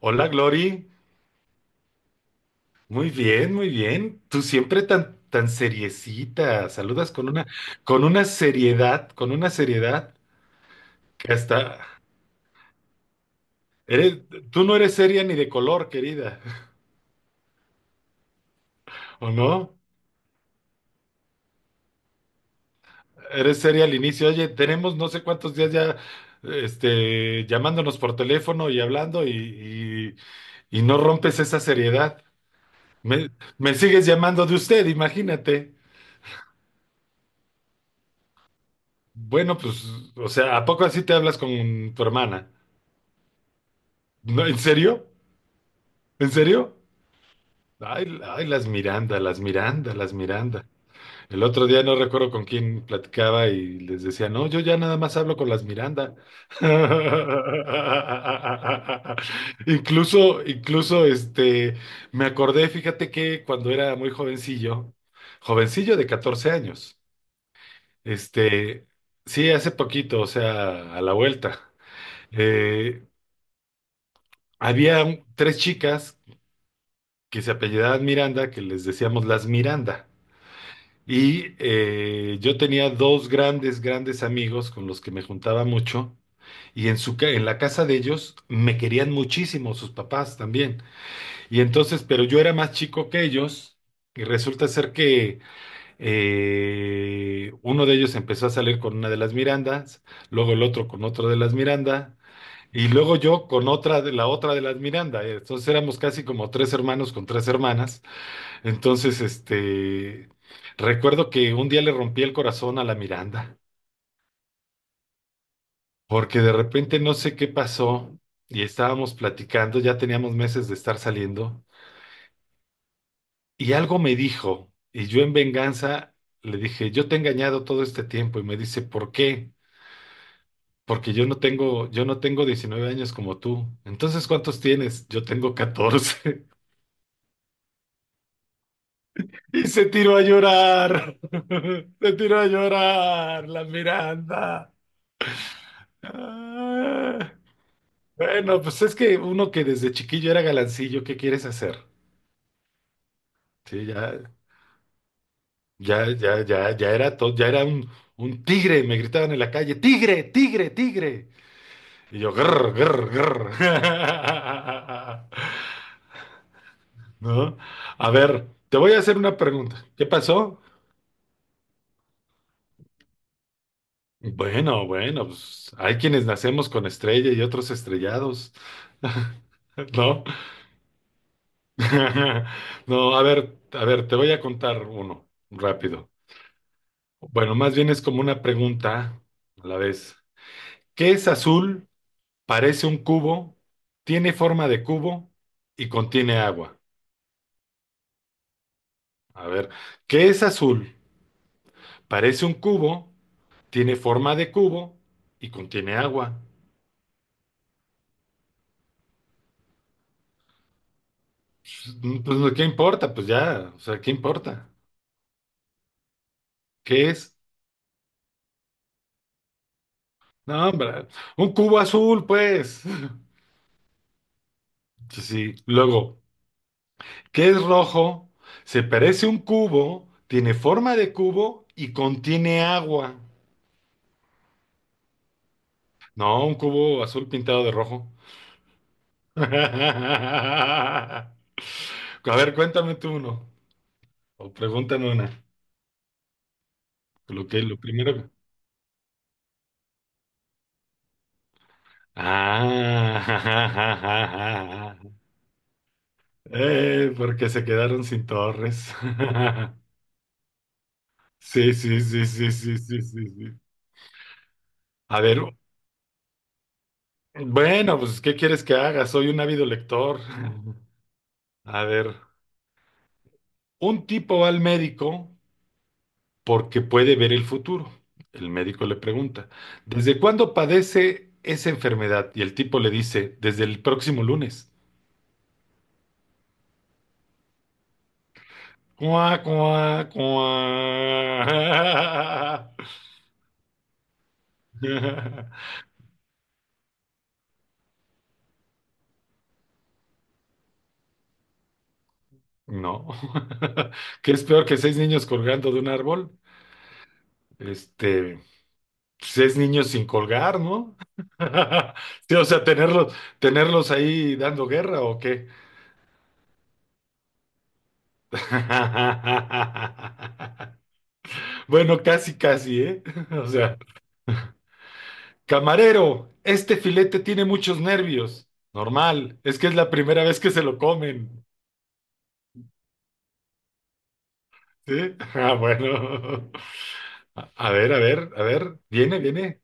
Hola, Glory. Muy bien, muy bien. Tú siempre tan seriecita. Saludas con una seriedad que hasta eres, tú no eres seria ni de color, querida, ¿o no? Eres seria al inicio. Oye, tenemos no sé cuántos días ya, llamándonos por teléfono y hablando y no rompes esa seriedad. Me, me sigues llamando de usted, imagínate. Bueno, pues, o sea, ¿a poco así te hablas con tu hermana? No, ¿en serio? ¿En serio? Ay, ay, las Miranda, las Miranda, las Miranda. El otro día no recuerdo con quién platicaba y les decía, no, yo ya nada más hablo con las Miranda. Incluso, me acordé, fíjate que cuando era muy jovencillo, jovencillo de 14 años, este, sí, hace poquito, o sea, a la vuelta, eh, tres chicas que se apellidaban Miranda, que les decíamos las Miranda. Y yo tenía dos grandes, grandes amigos con los que me juntaba mucho. Y en en la casa de ellos me querían muchísimo, sus papás también. Y entonces, pero yo era más chico que ellos. Y resulta ser que uno de ellos empezó a salir con una de las Mirandas, luego el otro con otro de las Miranda, y luego yo con otra de la otra de las Miranda. Entonces éramos casi como tres hermanos con tres hermanas. Entonces, recuerdo que un día le rompí el corazón a la Miranda, porque de repente no sé qué pasó y estábamos platicando, ya teníamos meses de estar saliendo, y algo me dijo, y yo en venganza le dije, yo te he engañado todo este tiempo, y me dice, ¿por qué? Porque yo no tengo 19 años como tú. Entonces, ¿cuántos tienes? Yo tengo 14. Y se tiró a llorar. Se tiró a llorar la Miranda. Ah. Bueno, pues es que uno que desde chiquillo era galancillo, ¿qué quieres hacer? Sí, ya era todo, ya era un tigre, me gritaban en la calle, tigre, tigre, tigre. Y yo, grr, grr, grr. ¿No? A ver, te voy a hacer una pregunta. ¿Qué pasó? Bueno, bueno, pues hay quienes nacemos con estrella y otros estrellados. ¿No? No, a ver, te voy a contar uno, rápido. Bueno, más bien es como una pregunta a la vez. ¿Qué es azul? Parece un cubo, tiene forma de cubo y contiene agua. A ver, ¿qué es azul? Parece un cubo, tiene forma de cubo y contiene agua. Pues, pues, no, ¿qué importa? Pues ya, o sea, ¿qué importa? ¿Qué es? No, hombre, un cubo azul, pues. Sí, sí. Luego, ¿qué es rojo? Se parece a un cubo, tiene forma de cubo y contiene agua. No, un cubo azul pintado de rojo. A ver, cuéntame tú uno. O pregúntame una. Lo primero. Ah, porque se quedaron sin torres. Sí, sí, sí, sí, sí, sí, sí, sí. A ver, bueno, pues, ¿qué quieres que haga? Soy un ávido lector. A ver, un tipo va al médico porque puede ver el futuro. El médico le pregunta, ¿desde cuándo padece esa enfermedad? Y el tipo le dice, desde el próximo lunes. Cuá, cuá, cuá. No. ¿Qué es peor que seis niños colgando de un árbol? Este, seis niños sin colgar, ¿no? Sí, o sea, tenerlos ahí dando guerra ¿o qué? Bueno, casi, casi, ¿eh? O sea. Camarero, este filete tiene muchos nervios. Normal, es que es la primera vez que se lo comen. ¿Sí? Ah, bueno. A ver, a ver, a ver. Viene, viene.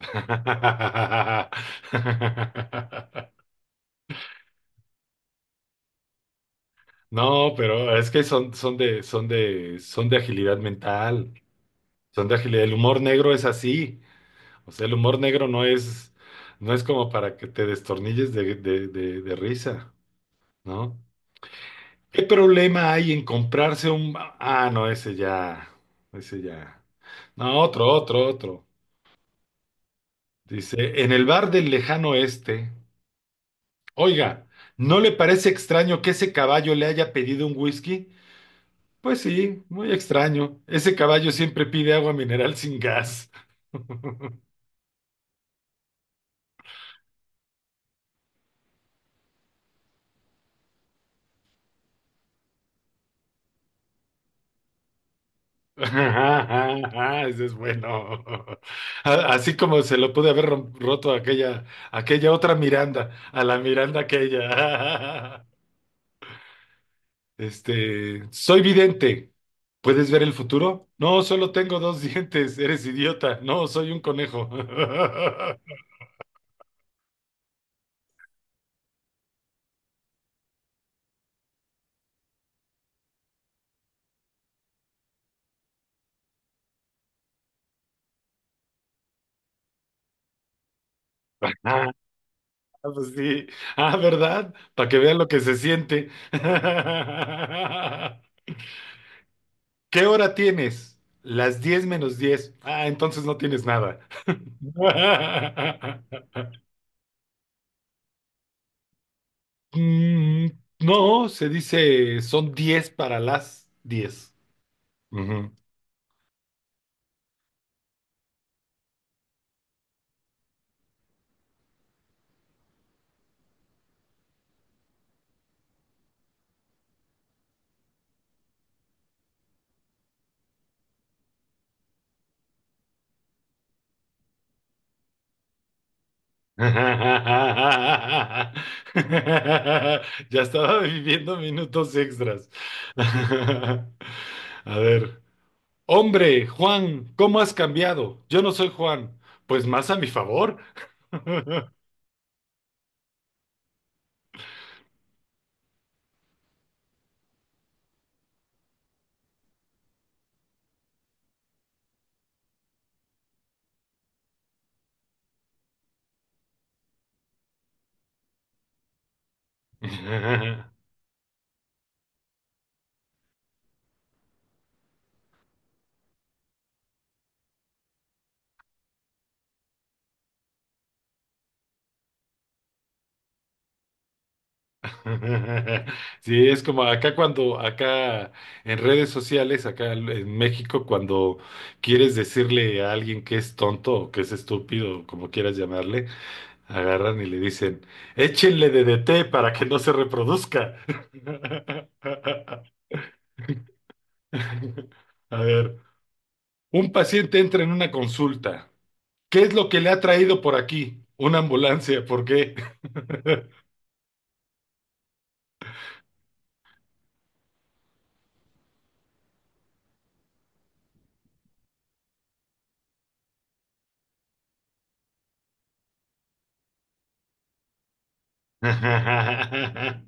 No, pero es que son de agilidad mental. Son de agilidad. El humor negro es así. O sea, el humor negro no es, no es como para que te destornilles de risa, ¿no? ¿Qué problema hay en comprarse un... Ah, no, ese ya. No, otro, otro, otro. Dice, en el bar del lejano oeste, oiga, ¿no le parece extraño que ese caballo le haya pedido un whisky? Pues sí, muy extraño. Ese caballo siempre pide agua mineral sin gas. Ese es bueno. A- Así como se lo pude haber roto a aquella otra Miranda, a la Miranda aquella. Soy vidente. ¿Puedes ver el futuro? No, solo tengo dos dientes. Eres idiota. No, soy un conejo. Ah, pues sí. Ah, ¿verdad? Para que vean lo que se siente. ¿Qué hora tienes? Las 10 menos 10. Ah, entonces no tienes nada. Mm, no, se dice son 10 para las 10. Ya estaba viviendo minutos extras. A ver. Hombre, Juan, ¿cómo has cambiado? Yo no soy Juan. Pues más a mi favor. Sí, es como acá cuando, acá en redes sociales, acá en México, cuando quieres decirle a alguien que es tonto o que es estúpido, como quieras llamarle. Agarran y le dicen, échenle DDT para que no se reproduzca. A ver, un paciente entra en una consulta. ¿Qué es lo que le ha traído por aquí? Una ambulancia, ¿por qué?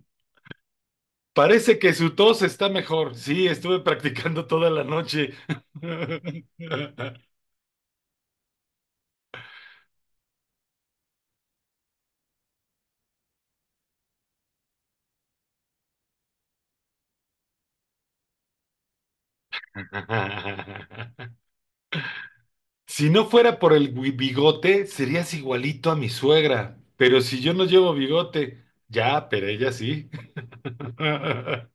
Parece que su tos está mejor. Sí, estuve practicando toda la noche. Si no fuera por el bigote, serías igualito a mi suegra. Pero si yo no llevo bigote, ya, pero ella sí.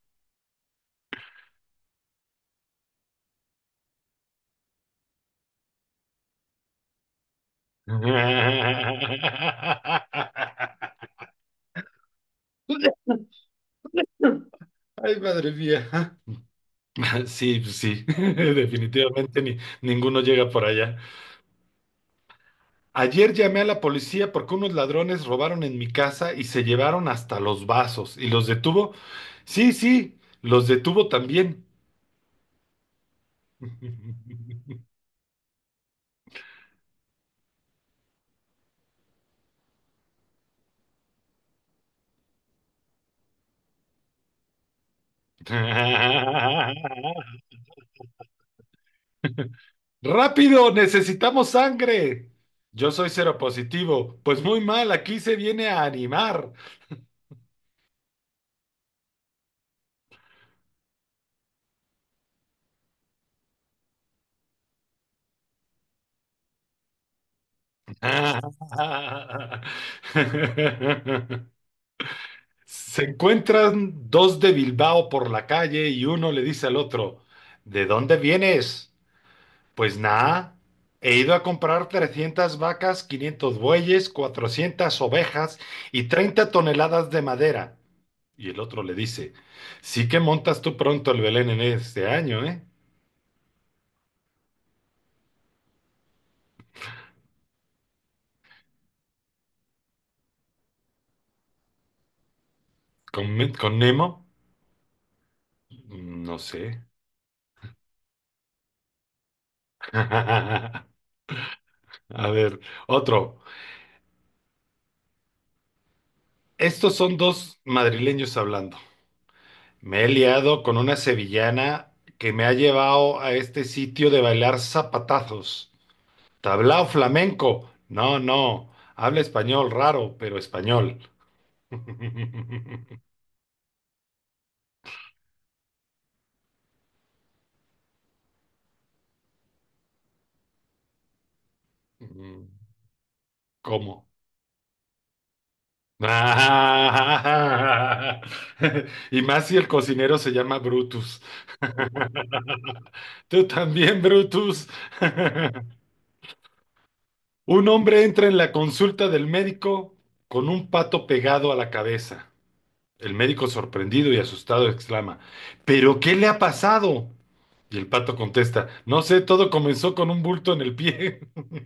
Ay, madre mía. Sí, pues sí, definitivamente ni, ninguno llega por allá. Ayer llamé a la policía porque unos ladrones robaron en mi casa y se llevaron hasta los vasos. ¿Y los detuvo? Sí, sí, los detuvo también. Rápido, necesitamos sangre. Yo soy cero positivo. Pues muy mal, aquí se viene a animar. Se encuentran dos de Bilbao por la calle y uno le dice al otro, ¿de dónde vienes? Pues nada, he ido a comprar 300 vacas, 500 bueyes, 400 ovejas y 30 toneladas de madera. Y el otro le dice, sí que montas tú pronto el Belén en este año, ¿eh? ¿Con, Me- con Nemo? No sé. A ver, otro. Estos son dos madrileños hablando. Me he liado con una sevillana que me ha llevado a este sitio de bailar zapatazos. ¿Tablao flamenco? No, no. Habla español raro, pero español. ¿Cómo? Ah, y más si el cocinero se llama Brutus. Tú también, Brutus. Un hombre entra en la consulta del médico con un pato pegado a la cabeza. El médico, sorprendido y asustado, exclama, ¿pero qué le ha pasado? Y el pato contesta, no sé, todo comenzó con un bulto en el pie.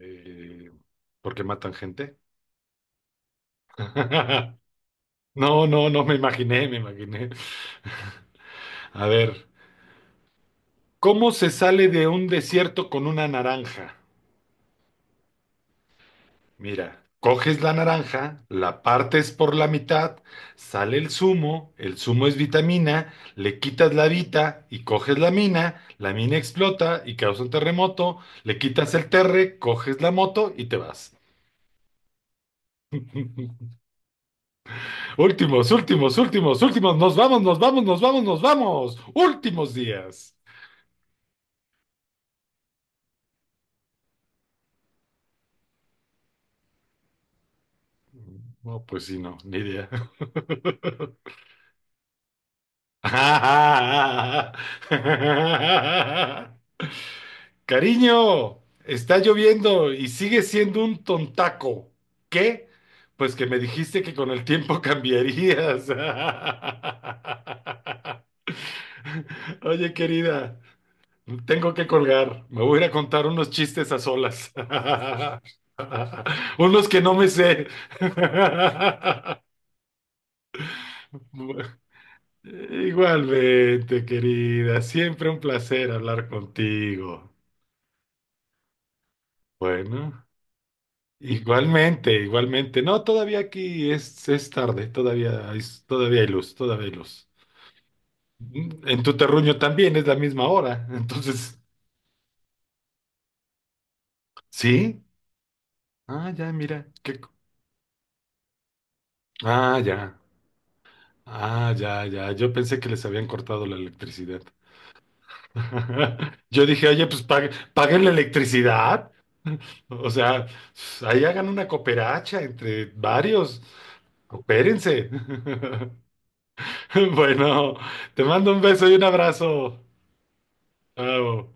Eh, ¿por qué matan gente? No, no, no me imaginé, me imaginé. A ver. ¿Cómo se sale de un desierto con una naranja? Mira, coges la naranja, la partes por la mitad, sale el zumo es vitamina, le quitas la vita y coges la mina explota y causa un terremoto, le quitas el terre, coges la moto y te vas. Últimos, últimos, últimos, últimos, nos vamos, nos vamos, nos vamos, nos vamos. Últimos días. No, pues sí, no, ni idea. Cariño, está lloviendo y sigue siendo un tontaco. ¿Qué? Pues que me dijiste que con el tiempo cambiarías. Oye, querida, tengo que colgar. Me voy a ir a contar unos chistes a solas. Unos que no me sé. Igualmente, querida, siempre un placer hablar contigo. Bueno. Igualmente, igualmente. No, todavía aquí es tarde, todavía hay luz, todavía hay luz. En tu terruño también es la misma hora, entonces, ¿sí? Ah, ya, mira, qué... co- Ah, ya, ah, ya, ya. Yo pensé que les habían cortado la electricidad. Yo dije, oye, pues paguen la electricidad. O sea, pues, ahí hagan una cooperacha entre varios. Coopérense. Bueno, te mando un beso y un abrazo. Oh,